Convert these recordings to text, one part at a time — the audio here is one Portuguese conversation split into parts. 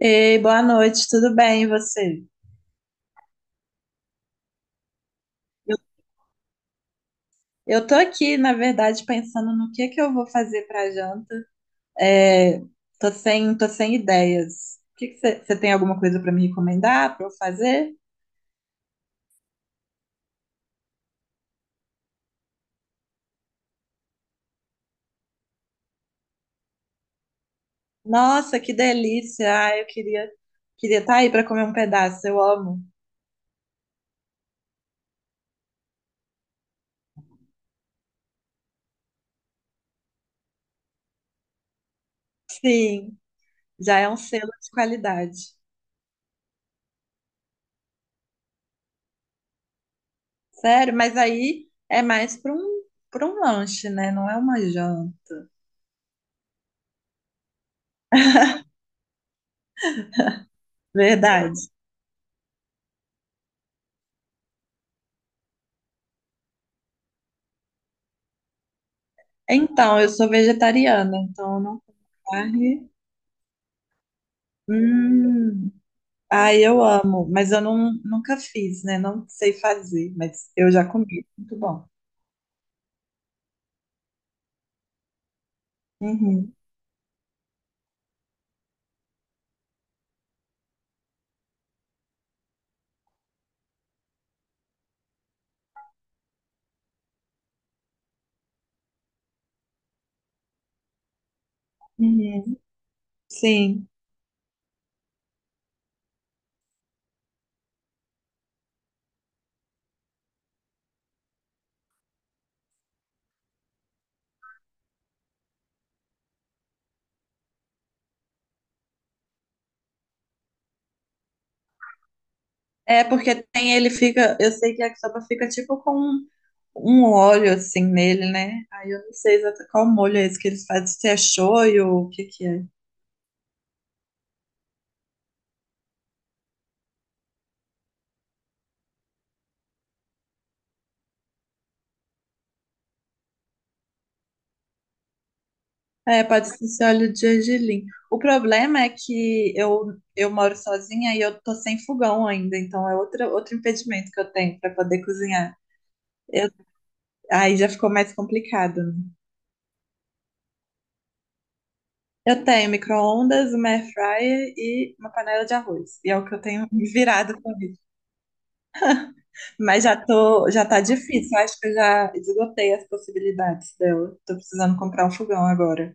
Ei, boa noite, tudo bem, e você? Eu, eu tô aqui, na verdade, pensando no que eu vou fazer pra janta. É, tô sem ideias. O que que você tem alguma coisa pra me recomendar, pra eu fazer? Nossa, que delícia! Queria estar aí pra comer um pedaço, eu amo. Sim, já é um selo de qualidade. Sério, mas aí é mais pra um, para um lanche, né? Não é uma janta. Verdade. Então, eu sou vegetariana, então eu não como carne. Hum, ai, eu amo, mas eu não, nunca fiz, né? Não sei fazer, mas eu já comi. Muito bom. Uhum, uhum, sim. É porque eu sei que a sopa fica tipo com um molho assim nele, né? Aí eu não sei exatamente qual molho é esse que eles fazem, se é shoyu ou o que que é. É, pode ser esse óleo de gergelim. O problema é que eu moro sozinha e eu tô sem fogão ainda, então é outro impedimento que eu tenho para poder cozinhar. Aí já ficou mais complicado, né? Eu tenho micro-ondas, uma air fryer e uma panela de arroz. E é o que eu tenho me virado com isso. Já tá difícil. Eu Acho que eu já esgotei as possibilidades dela. Tô precisando comprar um fogão agora.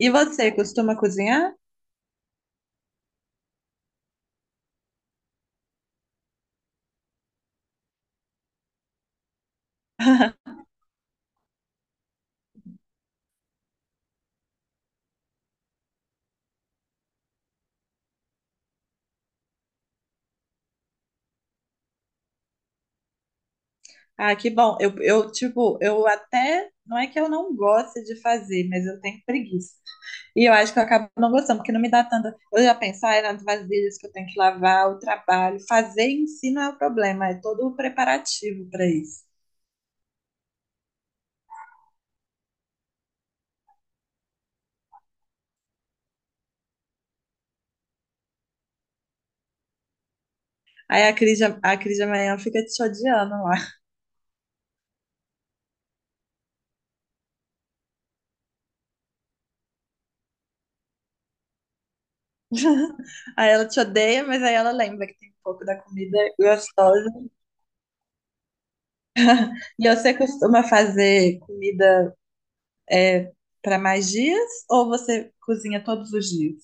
E você, costuma cozinhar? Ah, que bom. Eu, tipo, eu até. Não é que eu não goste de fazer, mas eu tenho preguiça. E eu acho que eu acabo não gostando, porque não me dá tanta. Eu já penso, ah, é nas vasilhas que eu tenho que lavar, o trabalho. Fazer em si não é o problema, é todo o preparativo para isso. Aí a Cris de amanhã fica te odiando lá. Aí ela te odeia, mas aí ela lembra que tem um pouco da comida gostosa. E você costuma fazer comida é, para mais dias ou você cozinha todos os dias?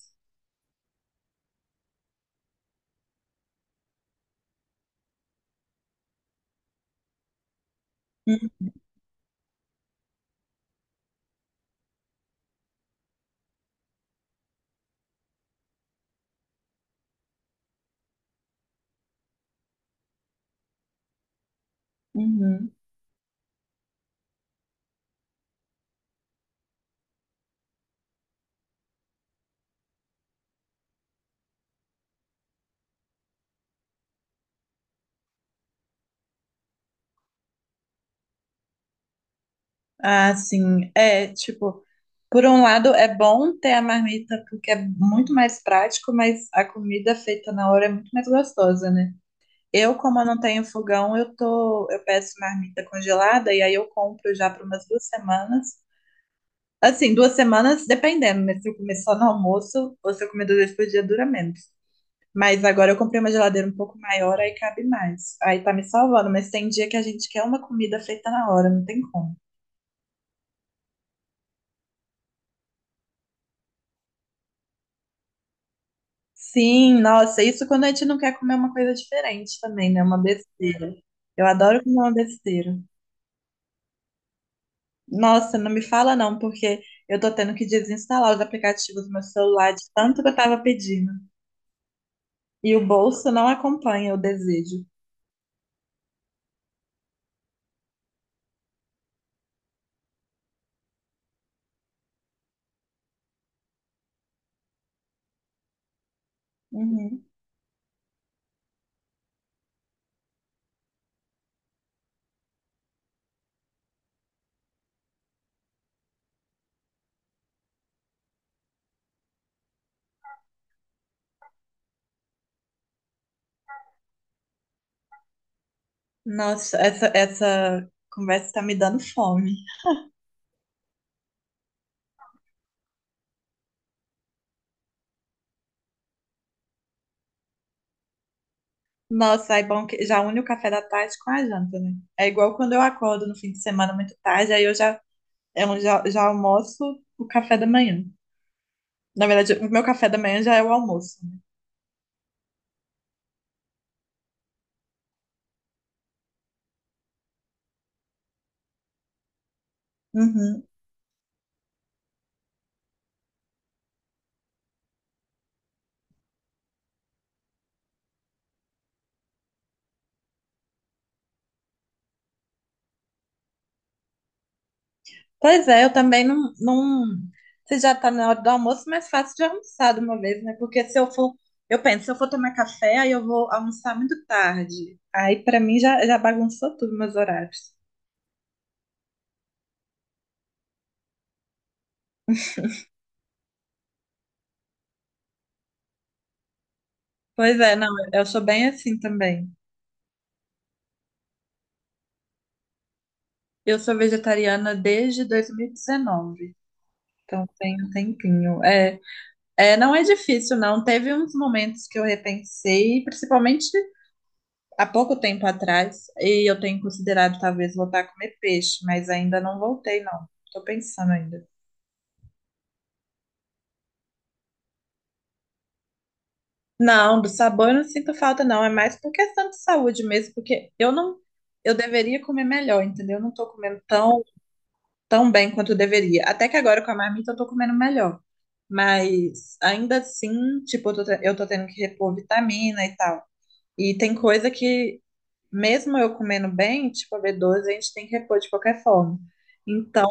Uhum. Ah, sim. Por um lado, é bom ter a marmita porque é muito mais prático, mas a comida feita na hora é muito mais gostosa, né? Como eu não tenho fogão, eu peço marmita congelada e aí eu compro já para umas duas semanas. Assim, duas semanas, dependendo, mas se eu comer só no almoço ou se eu comer duas vezes por dia, dura menos. Mas agora eu comprei uma geladeira um pouco maior, aí cabe mais. Aí tá me salvando, mas tem dia que a gente quer uma comida feita na hora, não tem como. Sim, nossa, isso quando a gente não quer comer uma coisa diferente também, né? Uma besteira. Eu adoro comer uma besteira. Nossa, não me fala não, porque eu tô tendo que desinstalar os aplicativos do meu celular de tanto que eu tava pedindo. E o bolso não acompanha o desejo. Uhum. Nossa, essa conversa tá me dando fome. Nossa, é bom que já une o café da tarde com a janta, né? É igual quando eu acordo no fim de semana muito tarde, aí já almoço o café da manhã. Na verdade, o meu café da manhã já é o almoço. Né? Uhum. Pois é, eu também não, não. Se já tá na hora do almoço, mais fácil de almoçar de uma vez, né? Porque se eu for. Eu penso, se eu for tomar café, aí eu vou almoçar muito tarde. Aí, pra mim, já bagunçou tudo meus horários. Pois é, não, eu sou bem assim também. Eu sou vegetariana desde 2019. Então tem um tempinho. É, não é difícil, não. Teve uns momentos que eu repensei, principalmente há pouco tempo atrás e eu tenho considerado talvez voltar a comer peixe, mas ainda não voltei, não. Tô pensando ainda. Não, do sabor eu não sinto falta, não. É mais por questão de saúde mesmo, porque eu não, eu deveria comer melhor, entendeu? Eu não tô comendo tão, tão bem quanto eu deveria. Até que agora com a marmita eu tô comendo melhor. Mas ainda assim, tipo, eu tô tendo que repor vitamina e tal. E tem coisa que, mesmo eu comendo bem, tipo a b doze a gente tem que repor de qualquer forma. Então,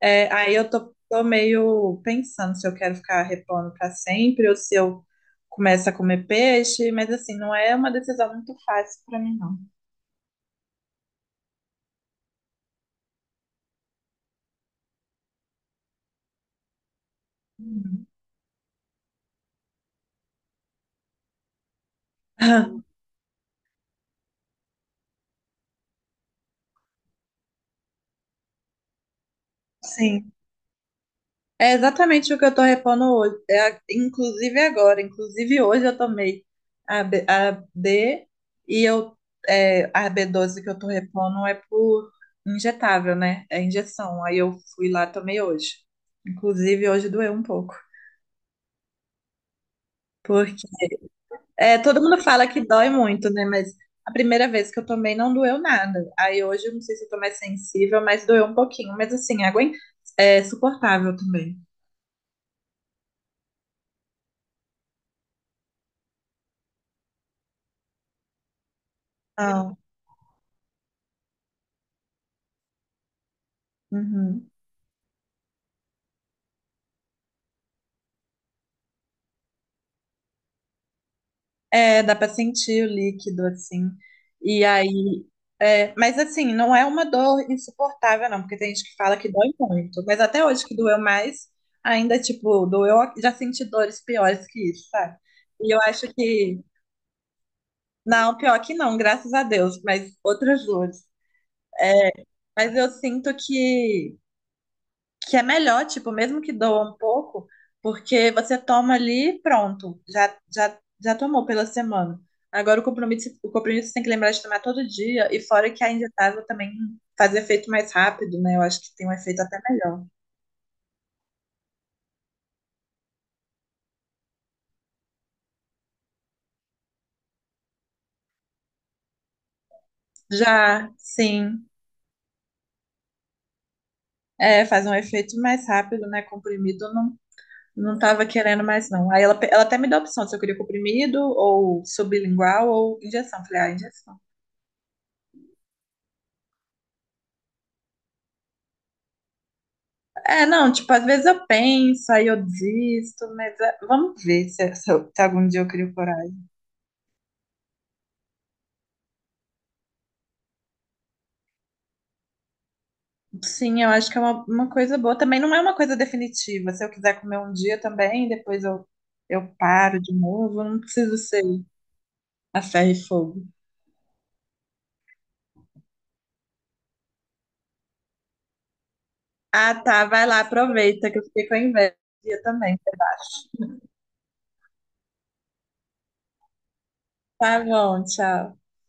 É, tô meio pensando se eu quero ficar repondo para sempre ou se eu começo a comer peixe, mas assim, não é uma decisão muito fácil para mim, não. Uhum. Sim, é exatamente o que eu tô repondo hoje. Inclusive agora, inclusive hoje eu tomei a B e eu a b doze que eu tô repondo é por injetável, né? É injeção. Aí eu fui lá, tomei hoje. Inclusive hoje doeu um pouco. É, todo mundo fala que dói muito, né? Mas a primeira vez que eu tomei não doeu nada. Aí hoje eu não sei se eu tô mais sensível, mas doeu um pouquinho. Mas assim, a água é suportável também. Ah, uhum. É, dá pra sentir o líquido, assim. E aí. É, mas assim, não é uma dor insuportável, não, porque tem gente que fala que dói muito. Mas até hoje que doeu mais, ainda, tipo, doeu. Já senti dores piores que isso, sabe? E eu acho que. Não, pior que não, graças a Deus, mas outras dores. Mas eu sinto que é melhor, tipo, mesmo que doa um pouco, porque você toma ali e pronto, já tomou pela semana. Agora o compromisso você tem que lembrar de tomar todo dia, e fora que a injetável também faz efeito mais rápido, né? Eu acho que tem um efeito até melhor. Já, sim, é, faz um efeito mais rápido, né? Comprimido não, não tava querendo mais, não. Aí ela até me deu a opção se eu queria comprimido, ou sublingual, ou injeção. Falei, ah, injeção. É, não, tipo, às vezes eu penso, aí eu desisto, mas é, vamos ver se algum dia eu crio coragem. Sim, eu acho que é uma coisa boa. Também não é uma coisa definitiva. Se eu quiser comer um dia também, eu paro de novo. Não preciso ser a ferro e fogo. Ah, tá, vai lá, aproveita que eu fiquei com a inveja também. Tá bom, tchau.